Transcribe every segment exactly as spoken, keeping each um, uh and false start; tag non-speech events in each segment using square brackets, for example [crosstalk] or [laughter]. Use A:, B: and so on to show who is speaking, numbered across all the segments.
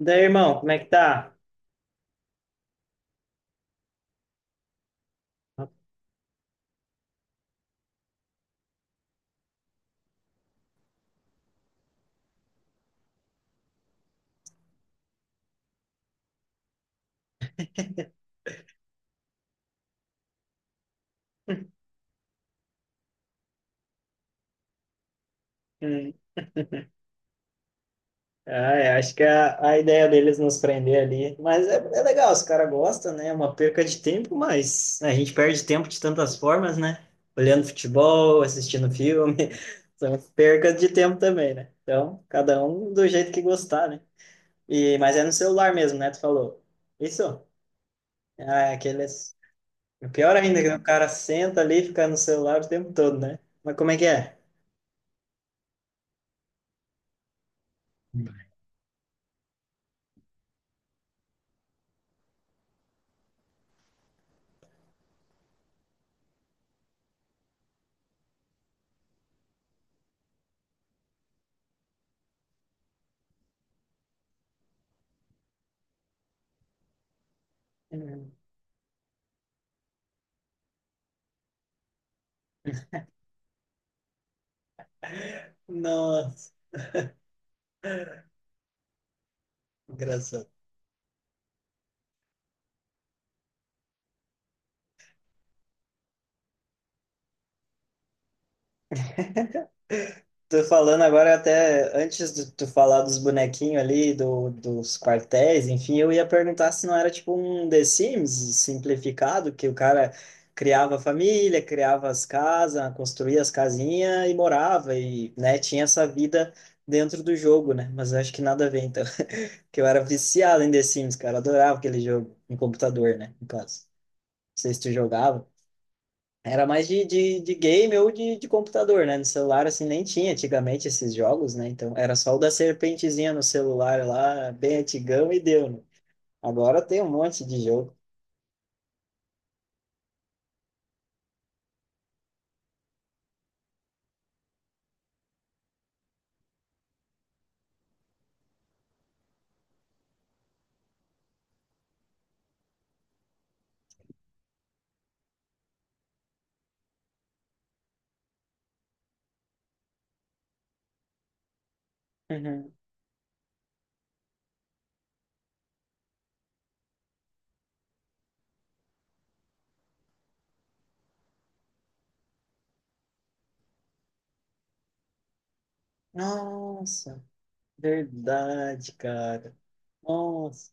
A: Daí, irmão, como é que tá? [laughs] Hum. Ah, eu acho que é a, a ideia deles nos prender ali. Mas é, é legal, os caras gostam, né? É uma perca de tempo, mas né, a gente perde tempo de tantas formas, né? Olhando futebol, assistindo filme. [laughs] São percas de tempo também, né? Então, cada um do jeito que gostar, né? E, mas é no celular mesmo, né? Tu falou. Isso? Ah, é aqueles. O pior ainda, é que o cara senta ali e fica no celular o tempo todo, né? Mas como é que é? Hum. Nossa. Engraçado. [laughs] Tô falando agora até antes de tu falar dos bonequinhos ali, do, dos quartéis, enfim, eu ia perguntar se não era tipo um The Sims simplificado, que o cara criava a família, criava as casas, construía as casinhas e morava e, né, tinha essa vida dentro do jogo, né? Mas eu acho que nada a ver, então, [laughs] que eu era viciado em The Sims, cara, adorava aquele jogo em computador, né, no caso. Não sei se tu jogava. Era mais de, de, de game ou de, de computador, né? No celular, assim, nem tinha antigamente esses jogos, né? Então, era só o da serpentezinha no celular lá, bem antigão, e deu, né? Agora tem um monte de jogo. Uhum. Nossa, verdade, cara. Nossa.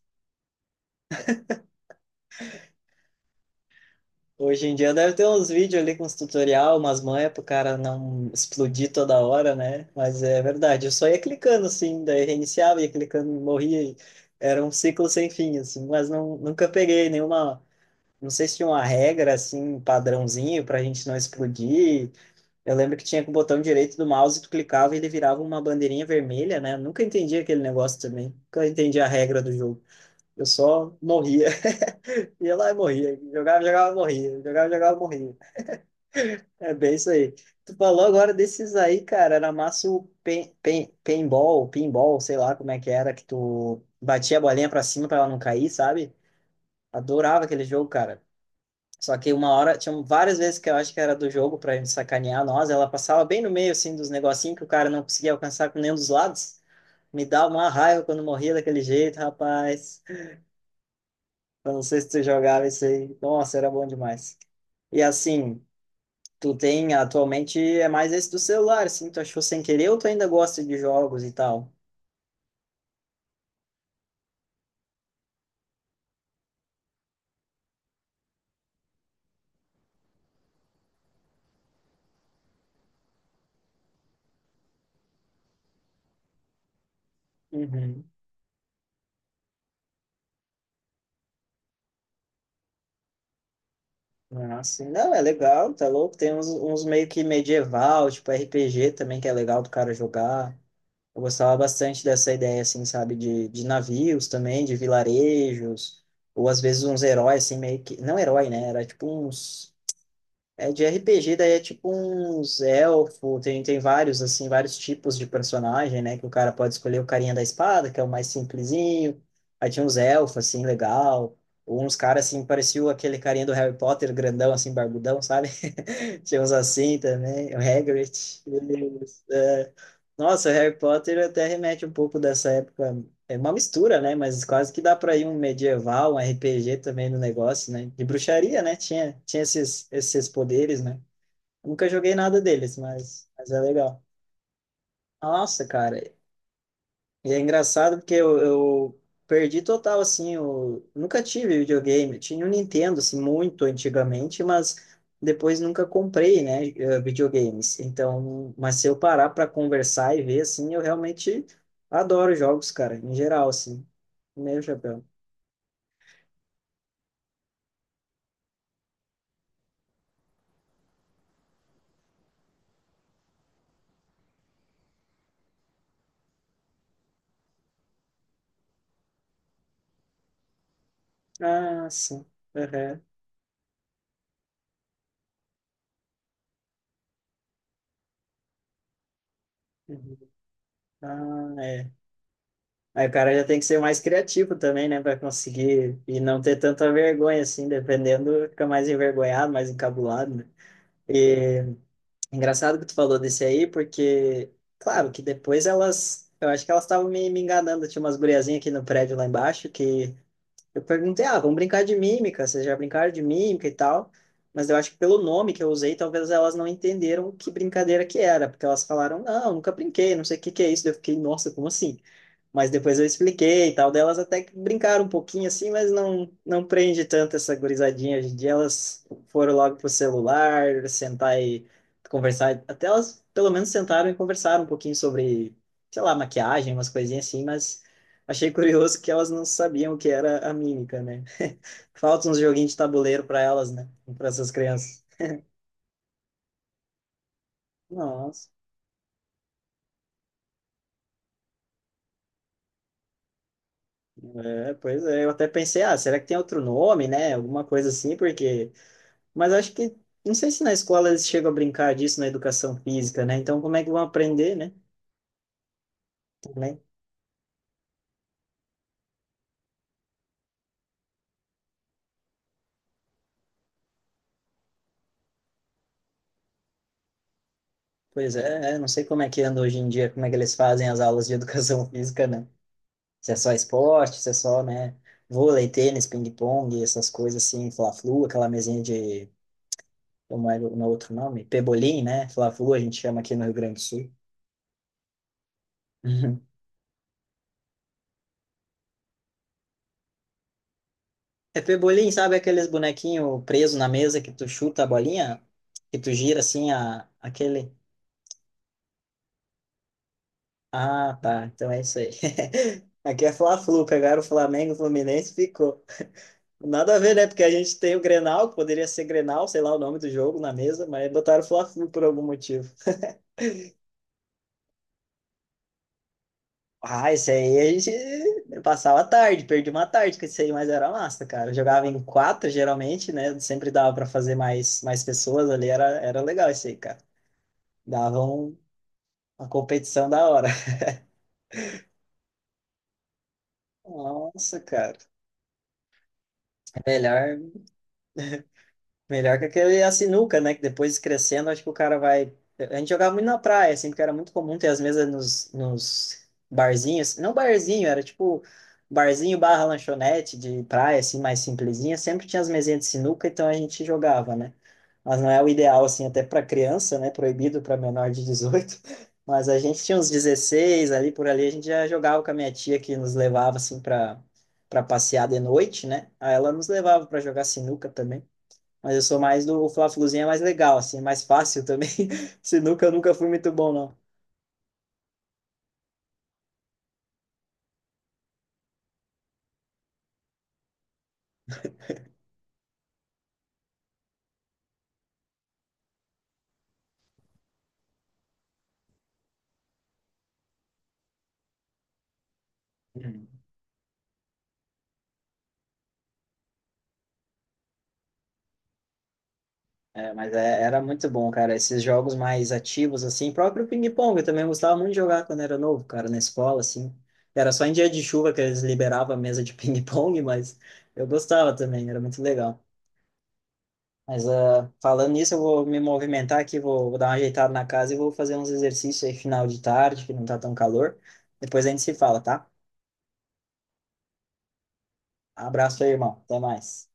A: Hoje em dia deve ter uns vídeos ali com os tutorial, umas manhas pro cara não explodir toda hora, né? Mas é verdade, eu só ia clicando, assim, daí reiniciava, ia clicando, morria. E era um ciclo sem fim, assim, mas não, nunca peguei nenhuma. Não sei se tinha uma regra, assim, um padrãozinho pra gente não explodir. Eu lembro que tinha com o botão direito do mouse, tu clicava e ele virava uma bandeirinha vermelha, né? Eu nunca entendi aquele negócio também. Nunca entendi a regra do jogo. Eu só morria. [laughs] Ia lá e morria. Jogava, jogava, morria. Jogava, jogava, morria. É bem isso aí. Tu falou agora desses aí, cara. Era massa o pen, pen, paintball, pinball, sei lá como é que era, que tu batia a bolinha pra cima pra ela não cair, sabe? Adorava aquele jogo, cara. Só que uma hora, tinham várias vezes que eu acho que era do jogo pra gente sacanear nós, ela passava bem no meio, assim, dos negocinhos que o cara não conseguia alcançar com nenhum dos lados. Me dá uma raiva quando morria daquele jeito, rapaz. Eu não sei se tu jogava isso aí. Nossa, era bom demais. E assim, tu tem, atualmente, é mais esse do celular, assim, tu achou sem querer ou tu ainda gosta de jogos e tal? Uhum. Ah, sim. Não, é legal, tá louco. Tem uns, uns meio que medieval, tipo R P G também, que é legal do cara jogar. Eu gostava bastante dessa ideia, assim, sabe, de, de navios também, de vilarejos, ou às vezes uns heróis, assim, meio que... Não herói, né? Era tipo uns... É de R P G, daí é tipo uns elfo, tem, tem vários, assim, vários tipos de personagem, né? Que o cara pode escolher o carinha da espada, que é o mais simplesinho. Aí tinha uns elfos, assim, legal. Ou uns caras, assim, parecia aquele carinha do Harry Potter, grandão, assim, barbudão, sabe? Tinha uns assim também, o Hagrid. Eles, é... Nossa, o Harry Potter até remete um pouco dessa época. É uma mistura, né? Mas quase que dá para ir um medieval, um R P G também no negócio, né? De bruxaria, né? Tinha, tinha esses, esses poderes, né? Nunca joguei nada deles, mas, mas é legal. Nossa, cara, e é engraçado porque eu, eu perdi total, assim, eu nunca tive videogame. Eu tinha um Nintendo, assim, muito antigamente, mas depois nunca comprei, né, eh, videogames. Então, mas se eu parar para conversar e ver, assim, eu realmente adoro jogos, cara, em geral, assim. Meu chapéu. Ah, sim. Aham. Uhum. Ah, é. Aí o cara já tem que ser mais criativo também, né, para conseguir e não ter tanta vergonha, assim, dependendo, fica mais envergonhado, mais encabulado, né? E engraçado que tu falou desse aí, porque, claro, que depois elas, eu acho que elas estavam me, me enganando. Tinha umas guriazinhas aqui no prédio lá embaixo que eu perguntei, ah, vamos brincar de mímica, vocês já brincaram de mímica e tal. Mas eu acho que pelo nome que eu usei, talvez elas não entenderam que brincadeira que era, porque elas falaram, não, nunca brinquei, não sei o que que é isso. Daí eu fiquei, nossa, como assim? Mas depois eu expliquei e tal, delas até que brincaram um pouquinho assim, mas não não prende tanto essa gurizadinha hoje em dia. Elas foram logo pro celular, sentar e conversar. Até elas pelo menos sentaram e conversaram um pouquinho sobre, sei lá, maquiagem, umas coisinhas assim, mas achei curioso que elas não sabiam o que era a mímica, né? [laughs] Falta uns joguinhos de tabuleiro para elas, né? Para essas crianças. Nossa, é, pois é, eu até pensei, ah, será que tem outro nome, né? Alguma coisa assim, porque... Mas acho que, não sei se na escola eles chegam a brincar disso na educação física, né? Então, como é que vão aprender, né? Também. Pois é, é, não sei como é que anda hoje em dia, como é que eles fazem as aulas de [laughs] educação física, né? Se é só esporte, se é só, né? Vôlei, tênis, ping-pong, essas coisas assim, fla-flu, aquela mesinha de, como é o no outro nome? Pebolim, né? Fla-flu a gente chama aqui no Rio Grande do Sul. Uhum. É pebolim, sabe aqueles bonequinhos presos na mesa que tu chuta a bolinha? Que tu gira assim, a, aquele... Ah, tá. Então é isso aí. [laughs] Aqui é Fla-Flu. Pegaram o Flamengo, o Fluminense e ficou. Nada a ver, né? Porque a gente tem o Grenal, que poderia ser Grenal, sei lá o nome do jogo na mesa, mas botaram o Fla-Flu por algum motivo. Ah, isso aí a gente passava a tarde, perdi uma tarde com isso aí, mas era massa, cara. Eu jogava em quatro, geralmente, né? Sempre dava para fazer mais, mais pessoas ali, era, era legal isso aí, cara. Dava um- uma competição da hora. [laughs] Nossa, cara. É Melhor, Melhor que aquele a sinuca, né? Que depois crescendo, acho que o cara vai. A gente jogava muito na praia, assim, porque era muito comum ter as mesas nos, nos barzinhos. Não barzinho, era tipo barzinho barra lanchonete de praia, assim, mais simplesinha. Sempre tinha as mesinhas de sinuca, então a gente jogava, né? Mas não é o ideal, assim, até para criança, né? Proibido para menor de dezoito. [laughs] Mas a gente tinha uns dezesseis ali por ali, a gente já jogava com a minha tia que nos levava, assim, para para passear de noite, né? Aí ela nos levava para jogar sinuca também. Mas eu sou mais do. O Fla-Fluzinho é mais legal, assim, é mais fácil também. [laughs] Sinuca eu nunca fui muito bom, não. Uhum. É, mas é- era muito bom, cara. Esses jogos mais ativos, assim, próprio ping-pong, eu também gostava muito de jogar quando era novo, cara, na escola, assim. Era só em dia de chuva que eles liberavam a mesa de [laughs] ping-pong, mas eu gostava também, era muito legal. Mas ah, falando nisso, eu vou me movimentar aqui, vou, vou dar uma ajeitada na casa e vou fazer uns exercícios aí final de tarde, que não tá tão calor. Depois a gente se fala, tá? Abraço aí, irmão. Até mais.